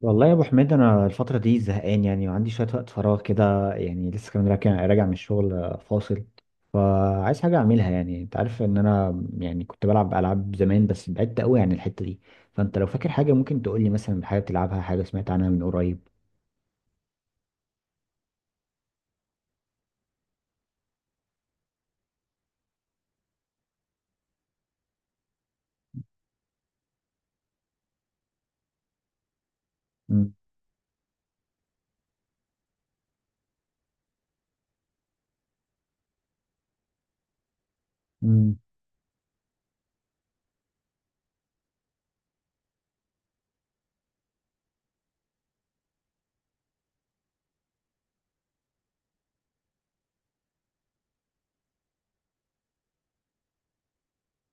والله يا ابو حميد، انا الفتره دي زهقان يعني، وعندي شويه وقت فراغ كده يعني لسه كمان راجع من الشغل، فاصل. فعايز حاجه اعملها. يعني انت عارف ان انا يعني كنت بلعب العاب زمان، بس بعدت قوي عن الحته دي. فانت لو فاكر حاجه ممكن تقول لي، مثلا حاجه بتلعبها، حاجه سمعت عنها من قريب. امم.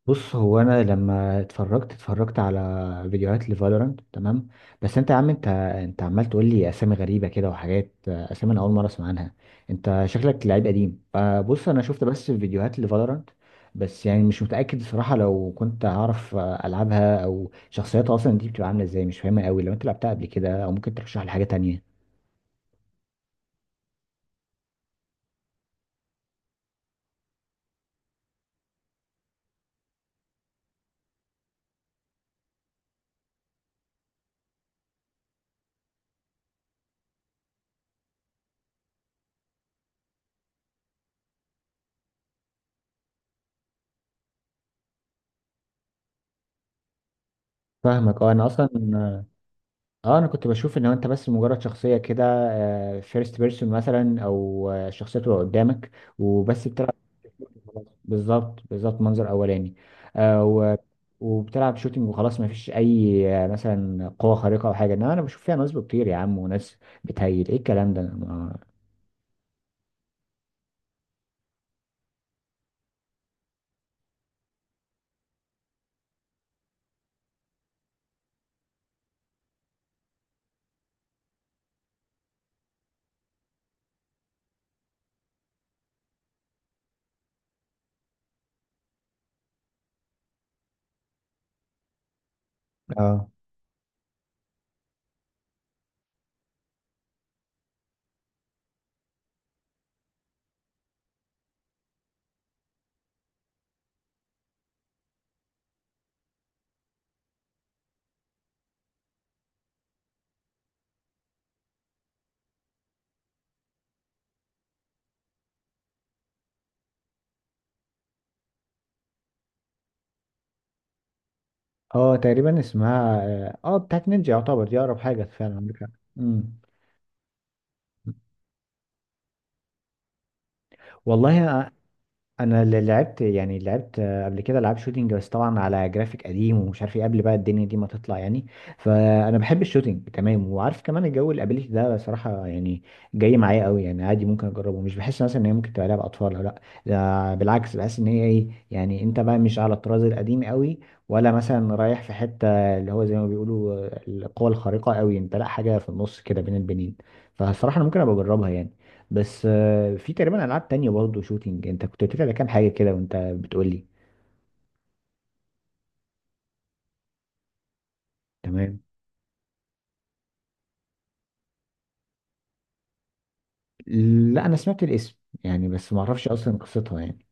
بص، هو انا لما اتفرجت على فيديوهات لفالورانت، تمام، بس انت يا عم، انت عمال تقول لي اسامي غريبه كده وحاجات، اسامي انا اول مره اسمع عنها. انت شكلك لعيب قديم. فبص انا شفت بس فيديوهات لفالورانت، بس يعني مش متاكد الصراحه لو كنت هعرف العبها، او شخصيتها اصلا دي بتبقى عامله ازاي، مش فاهمها قوي. لو انت لعبتها قبل كده او ممكن ترشح لي حاجه تانية. فاهمك، اه انا اصلا، اه انا كنت بشوف ان انت بس مجرد شخصيه كده، فيرست بيرسون مثلا، او الشخصيه تبقى قدامك وبس بتلعب. بالظبط بالظبط، منظر اولاني. آه و... وبتلعب شوتينج وخلاص، ما فيش اي مثلا قوه خارقه او حاجه، انما انا بشوف فيها نصب كتير يا عم، وناس بتهيل ايه الكلام ده اه اه، تقريبا اسمها بتاعت نينجا يعتبر، دي اقرب حاجه فعلا، عندك حق. امم. والله، انا اللي لعبت قبل كده العاب شوتينج، بس طبعا على جرافيك قديم ومش عارف ايه قبل بقى الدنيا دي ما تطلع يعني. فانا بحب الشوتينج، تمام، وعارف كمان الجو الابيليتي ده صراحه يعني جاي معايا قوي. يعني عادي ممكن اجربه، مش بحس مثلا ان هي ممكن تبقى لعبه اطفال ولا لا. ده بالعكس، بحس ان هي ايه يعني، انت بقى مش على الطراز القديم قوي، ولا مثلا رايح في حته اللي هو زي ما بيقولوا القوى الخارقه قوي، انت لا، حاجه في النص كده بين البنين. فالصراحه انا ممكن ابقى اجربها يعني. بس في تقريبا العاب تانية برضه شوتينج انت كنت قلت لي على كام حاجه كده وانت بتقول لي. تمام. لا، انا سمعت الاسم يعني، بس ما اعرفش اصلا قصتها يعني.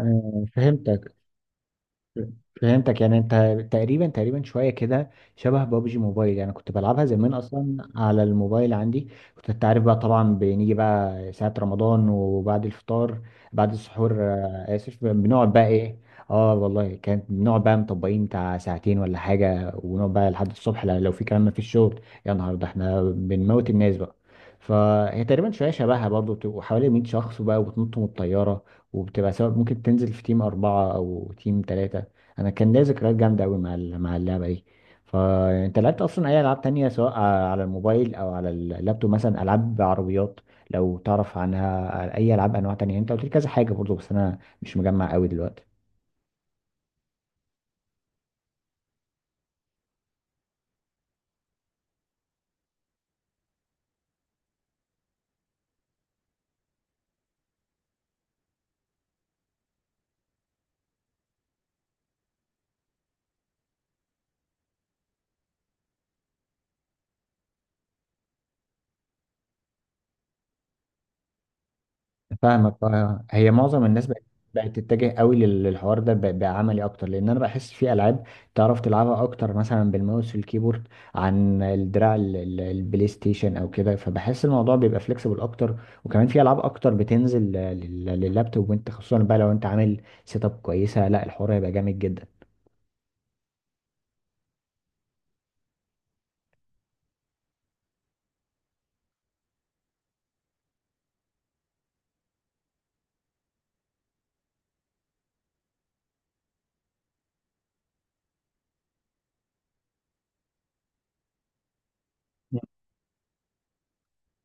فهمتك. فهمتك يعني انت تقريبا تقريبا شويه كده شبه بابجي موبايل يعني، كنت بلعبها زمان اصلا على الموبايل عندي. كنت انت عارف بقى طبعا، بنيجي بقى ساعه رمضان وبعد الفطار، بعد السحور، اسف، بنقعد بقى ايه. اه والله، كانت بنقعد بقى مطبقين بتاع 2 ساعتين ولا حاجه، ونقعد بقى لحد الصبح لو في كلام ما فيش شغل. يا نهار ده احنا بنموت الناس بقى. فهي تقريبا شويه شبهها برضه، بتبقوا حوالي 100 شخص بقى وبتنطوا من الطياره. وبتبقى سواء ممكن تنزل في تيم 4 أو تيم 3. انا كان ليا ذكريات جامده قوي مع مع اللعبه دي. فانت لعبت اصلا اي العاب تانية، سواء على الموبايل او على اللابتوب، مثلا العاب عربيات؟ لو تعرف عنها اي العاب انواع تانية. انت قلت لي كذا حاجه برضو بس انا مش مجمع قوي دلوقتي. فاهمك. هي معظم الناس بقت تتجه قوي للحوار ده، بقى بقى عملي اكتر، لان انا بحس في العاب تعرف تلعبها اكتر مثلا بالماوس والكيبورد، عن الدراع البلاي ستيشن او كده. فبحس الموضوع بيبقى فليكسيبل اكتر، وكمان في العاب اكتر بتنزل لللابتوب. وانت خصوصا بقى لو انت عامل سيت اب كويسه، لا الحوار هيبقى جامد جدا.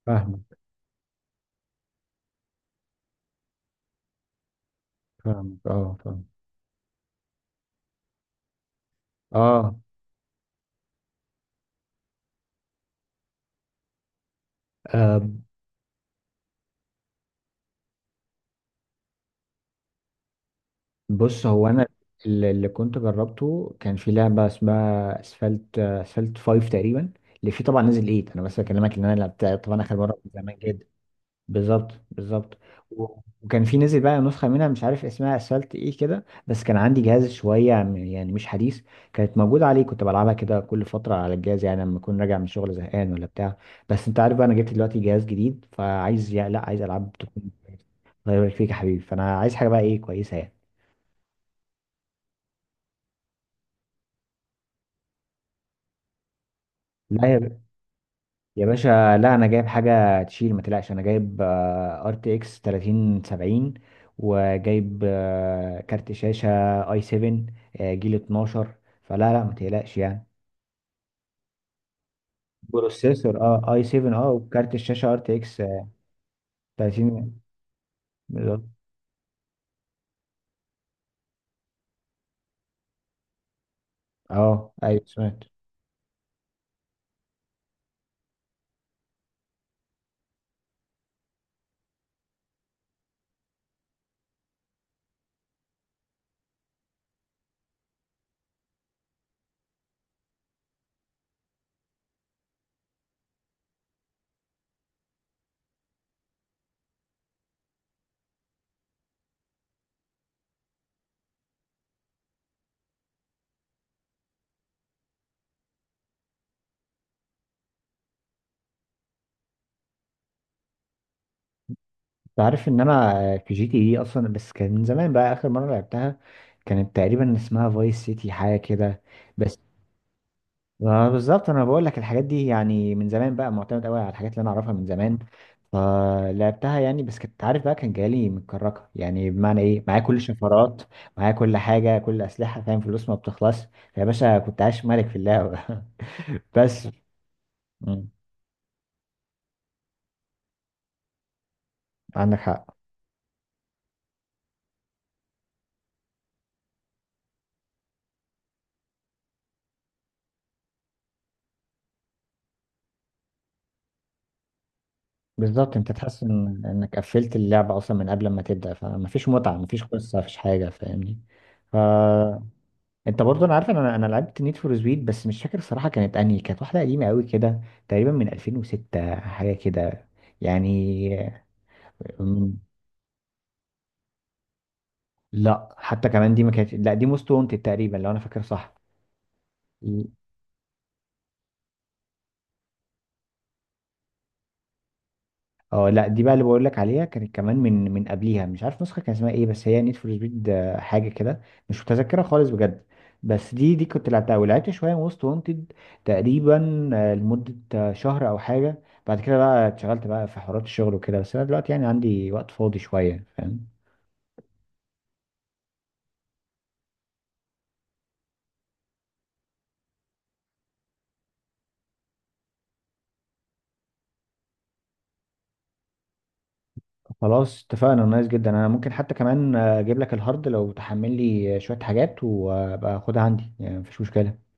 فاهمك فاهمك، اه، فاهم. اه، بص هو انا، اللي كنت جربته كان في لعبه اسمها اسفلت 5 تقريبا، اللي فيه طبعا نزل 8. انا بس بكلمك ان انا لعبتها طبعا اخر مره من زمان جدا. بالظبط بالظبط. وكان في، نزل بقى نسخه منها مش عارف اسمها اسفلت ايه كده، بس كان عندي جهاز شويه يعني مش حديث، كانت موجوده عليه، كنت بلعبها كده كل فتره على الجهاز يعني لما اكون راجع من شغل زهقان ولا بتاع. بس انت عارف بقى انا جبت دلوقتي جهاز جديد، فعايز لا عايز العاب تكون. الله يبارك فيك يا حبيبي. فانا عايز حاجه بقى ايه كويسه يعني. لا يا باشا، لا انا جايب حاجه تشيل، ما تقلقش، انا جايب ار تي اكس 3070، وجايب كارت شاشه اي 7 جيل 12، فلا لا ما تقلقش يعني. بروسيسور، اي 7، وكارت الشاشه ار تي اكس 30. بالظبط. اه، ايوه سمعت. انت عارف ان انا في جي تي اي اصلا بس كان من زمان بقى، اخر مره لعبتها كانت تقريبا اسمها فايس سيتي حاجه كده. بس، ما بالظبط انا بقول لك الحاجات دي يعني من زمان، بقى معتمد قوي على الحاجات اللي انا اعرفها من زمان. فلعبتها يعني، بس كنت عارف بقى كان جالي متكركه، يعني بمعنى ايه، معايا كل الشفرات، معايا كل حاجه، كل اسلحه، فاهم، فلوس ما بتخلص، فيا باشا كنت عايش ملك في اللعبه بس مم، عندك حق. بالظبط، انت تحس ان انك قفلت اللعبه اصلا من قبل ما تبدا، فمفيش متعه، مفيش قصه، مفيش حاجه، فاهمني. ف انت برضه، انا عارف ان انا لعبت نيد فور سبيد، بس مش فاكر الصراحه كانت انهي، كانت واحده قديمه قوي كده، تقريبا من 2006 حاجه كده يعني. من- لا حتى كمان دي ما كانت، لا دي موست وانتد تقريبا لو انا فاكر صح. اه، لا دي بقى اللي بقول لك عليها كانت كمان، من قبليها، مش عارف نسخه كان اسمها ايه، بس هي نيد فور سبيد حاجه كده، مش متذكره خالص بجد. بس دي كنت لعبتها، ولعبت شويه وست وانتد تقريبا لمده شهر او حاجه، بعد كده بقى اتشغلت بقى في حوارات الشغل وكده. بس انا دلوقتي يعني عندي وقت فاضي شويه، فاهم. خلاص اتفقنا، نايس جدا. انا ممكن حتى كمان اجيب لك الهارد، لو تحمل لي شويه حاجات وابقى اخدها عندي، يعني مفيش مشكله.